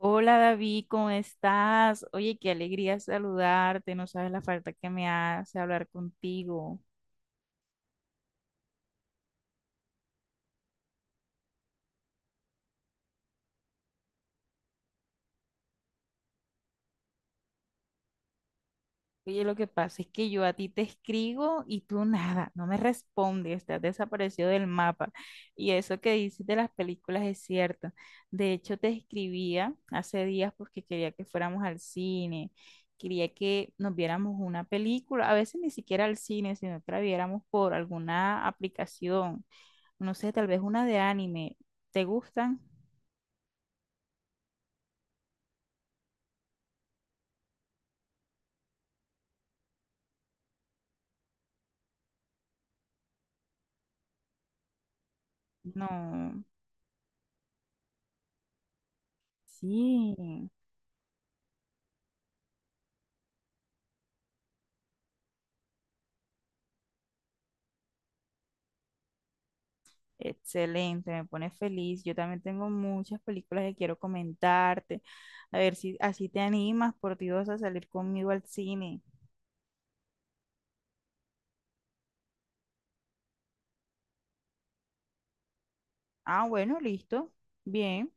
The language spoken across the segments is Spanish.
Hola David, ¿cómo estás? Oye, qué alegría saludarte, no sabes la falta que me hace hablar contigo. Oye, lo que pasa es que yo a ti te escribo y tú nada, no me respondes, te has desaparecido del mapa. Y eso que dices de las películas es cierto. De hecho, te escribía hace días porque quería que fuéramos al cine, quería que nos viéramos una película, a veces ni siquiera al cine, sino que la viéramos por alguna aplicación. No sé, tal vez una de anime. ¿Te gustan? No. Sí. Excelente, me pone feliz. Yo también tengo muchas películas que quiero comentarte. A ver si así te animas, por Dios, a salir conmigo al cine. Ah, bueno, listo. Bien.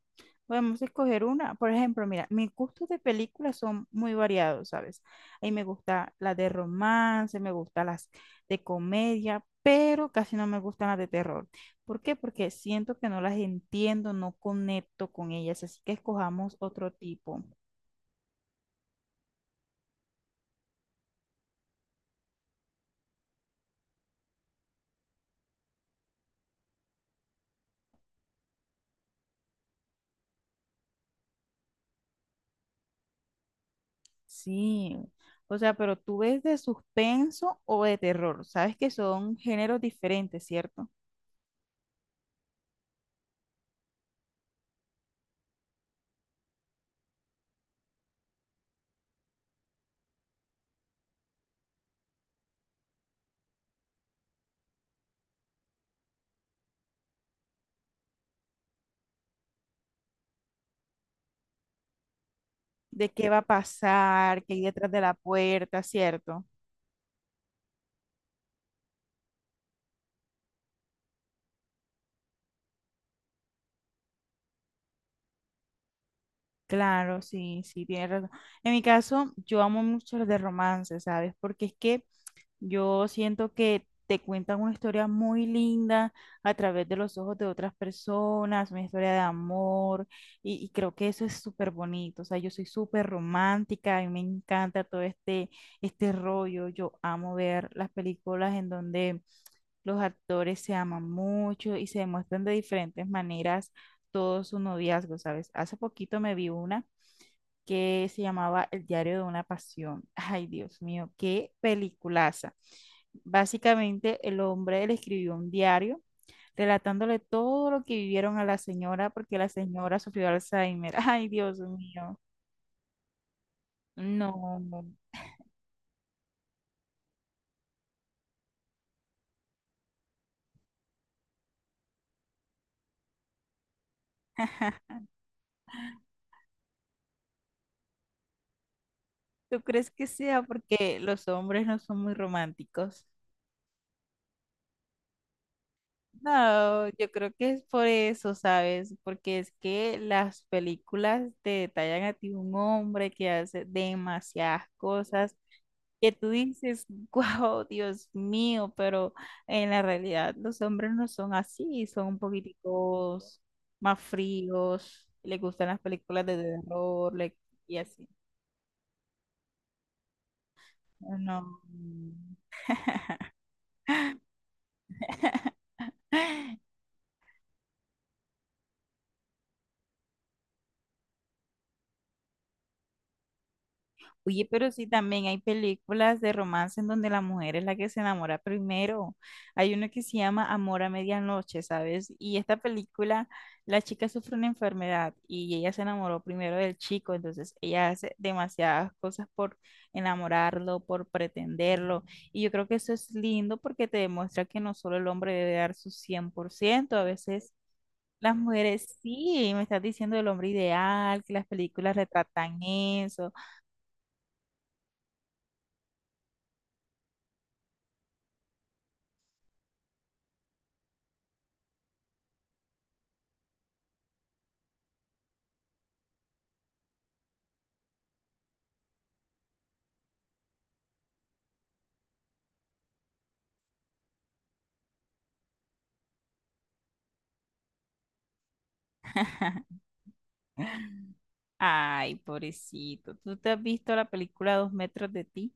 Podemos escoger una. Por ejemplo, mira, mis gustos de películas son muy variados, ¿sabes? Ahí me gusta las de romance, me gustan las de comedia, pero casi no me gustan las de terror. ¿Por qué? Porque siento que no las entiendo, no conecto con ellas, así que escojamos otro tipo. Sí. O sea, pero tú ves de suspenso o de terror. Sabes que son géneros diferentes, ¿cierto? ¿De qué va a pasar, qué hay detrás de la puerta, ¿cierto? Claro, sí, sí, tienes razón. En mi caso, yo amo mucho los de romance, ¿sabes? Porque es que yo siento que te cuentan una historia muy linda a través de los ojos de otras personas, una historia de amor, y creo que eso es súper bonito. O sea, yo soy súper romántica, a mí me encanta todo este rollo. Yo amo ver las películas en donde los actores se aman mucho y se demuestran de diferentes maneras todo su noviazgo, ¿sabes? Hace poquito me vi una que se llamaba El diario de una pasión. Ay, Dios mío, qué peliculaza. Básicamente, el hombre le escribió un diario relatándole todo lo que vivieron a la señora porque la señora sufrió Alzheimer. Ay, Dios mío. No, ¿tú crees que sea porque los hombres no son muy románticos? No, yo creo que es por eso, ¿sabes? Porque es que las películas te detallan a ti un hombre que hace demasiadas cosas que tú dices, wow, Dios mío, pero en la realidad los hombres no son así, son un poquiticos más fríos, les gustan las películas de terror y así. No. No. Oye, pero sí también hay películas de romance en donde la mujer es la que se enamora primero. Hay una que se llama Amor a Medianoche, ¿sabes? Y esta película, la chica sufre una enfermedad y ella se enamoró primero del chico, entonces ella hace demasiadas cosas por enamorarlo, por pretenderlo. Y yo creo que eso es lindo porque te demuestra que no solo el hombre debe dar su 100%. A veces… Las mujeres, sí, me estás diciendo el hombre ideal, que las películas retratan eso. Ay, pobrecito. ¿Tú te has visto la película Dos metros de ti?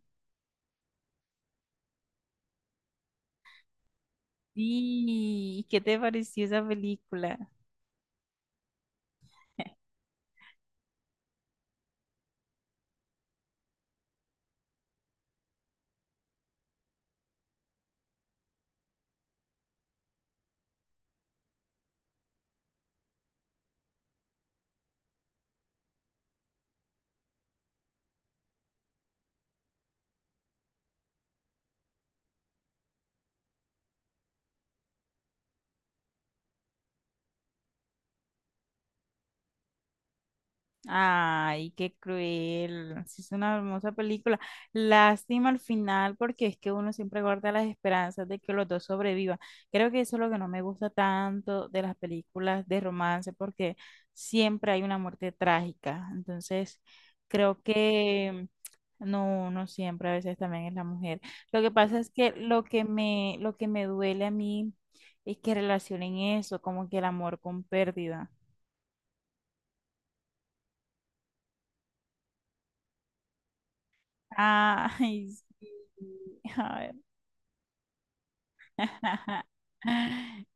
Sí. ¿Y qué te pareció esa película? Ay, qué cruel. Sí, es una hermosa película. Lástima al final porque es que uno siempre guarda las esperanzas de que los dos sobrevivan. Creo que eso es lo que no me gusta tanto de las películas de romance porque siempre hay una muerte trágica. Entonces, creo que no, no siempre, a veces también es la mujer. Lo que pasa es que lo que me duele a mí es que relacionen eso, como que el amor con pérdida. Ay, sí. A ver.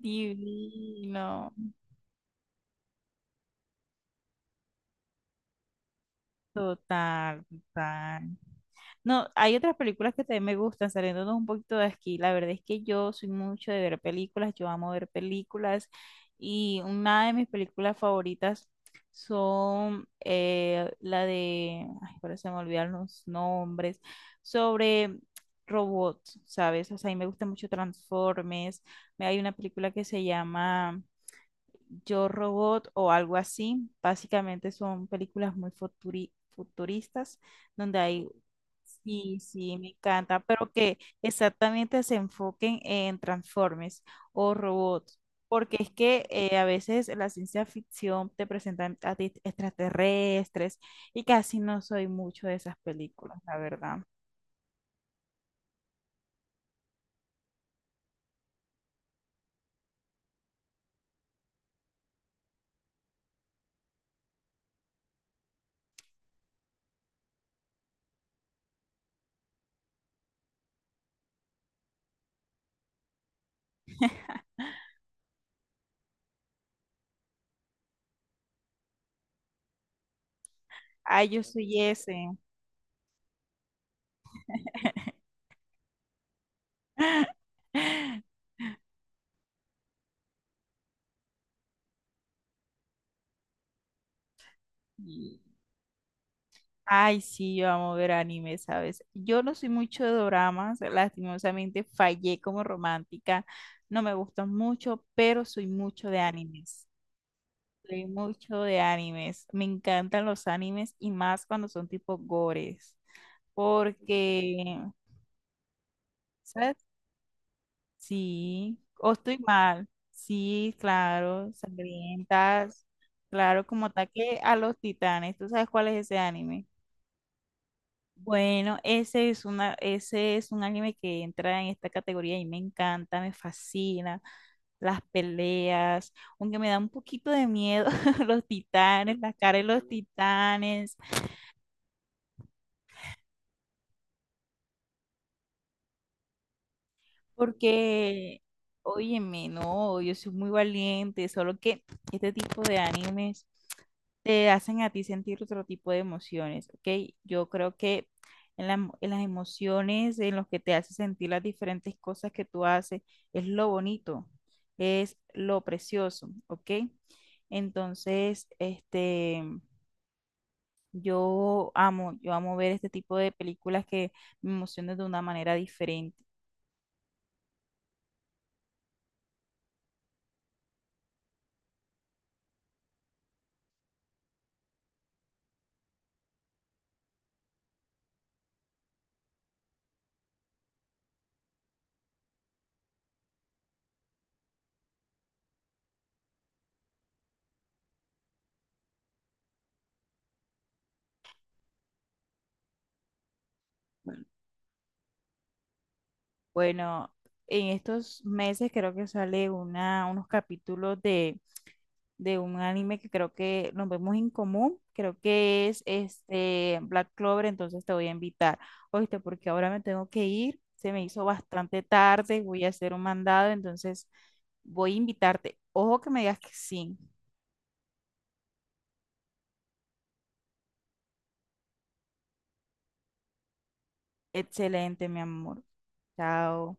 Divino. Total, total. No, hay otras películas que también me gustan, saliéndonos un poquito de aquí. La verdad es que yo soy mucho de ver películas, yo amo ver películas, y una de mis películas favoritas son la de, ay, ahora se me olvidaron los nombres, sobre robots, ¿sabes? O sea, a mí me gusta mucho Transformers. Hay una película que se llama Yo Robot o algo así. Básicamente son películas muy futuristas donde hay… Sí, sí, me encanta, pero que exactamente se enfoquen en Transformers o robots, porque es que a veces la ciencia ficción te presenta a ti extraterrestres y casi no soy mucho de esas películas, la verdad. Ay, yo soy ese. Y… Ay, sí, yo amo ver anime, ¿sabes? Yo no soy mucho de dramas, lastimosamente fallé como romántica, no me gustan mucho, pero soy mucho de animes. Soy mucho de animes. Me encantan los animes y más cuando son tipo gores. Porque, ¿sabes? Sí, o estoy mal. Sí, claro, sangrientas. Claro, como ataque a los titanes. ¿Tú sabes cuál es ese anime? Bueno, ese es una, ese es un anime que entra en esta categoría y me encanta, me fascina. Las peleas, aunque me da un poquito de miedo los titanes, las caras de los titanes. Porque, óyeme, no, yo soy muy valiente, solo que este tipo de animes te hacen a ti sentir otro tipo de emociones, ¿ok? Yo creo que en, la- en las emociones, en los que te hace sentir las diferentes cosas que tú haces, es lo bonito, es lo precioso, ¿ok? Entonces, este, yo amo ver este tipo de películas que me emocionan de una manera diferente. Bueno, en estos meses creo que sale una, unos capítulos de un anime que creo que nos vemos en común. Creo que es este Black Clover, entonces te voy a invitar. Oíste, porque ahora me tengo que ir. Se me hizo bastante tarde, voy a hacer un mandado, entonces voy a invitarte. Ojo que me digas que sí. Excelente, mi amor. Chao.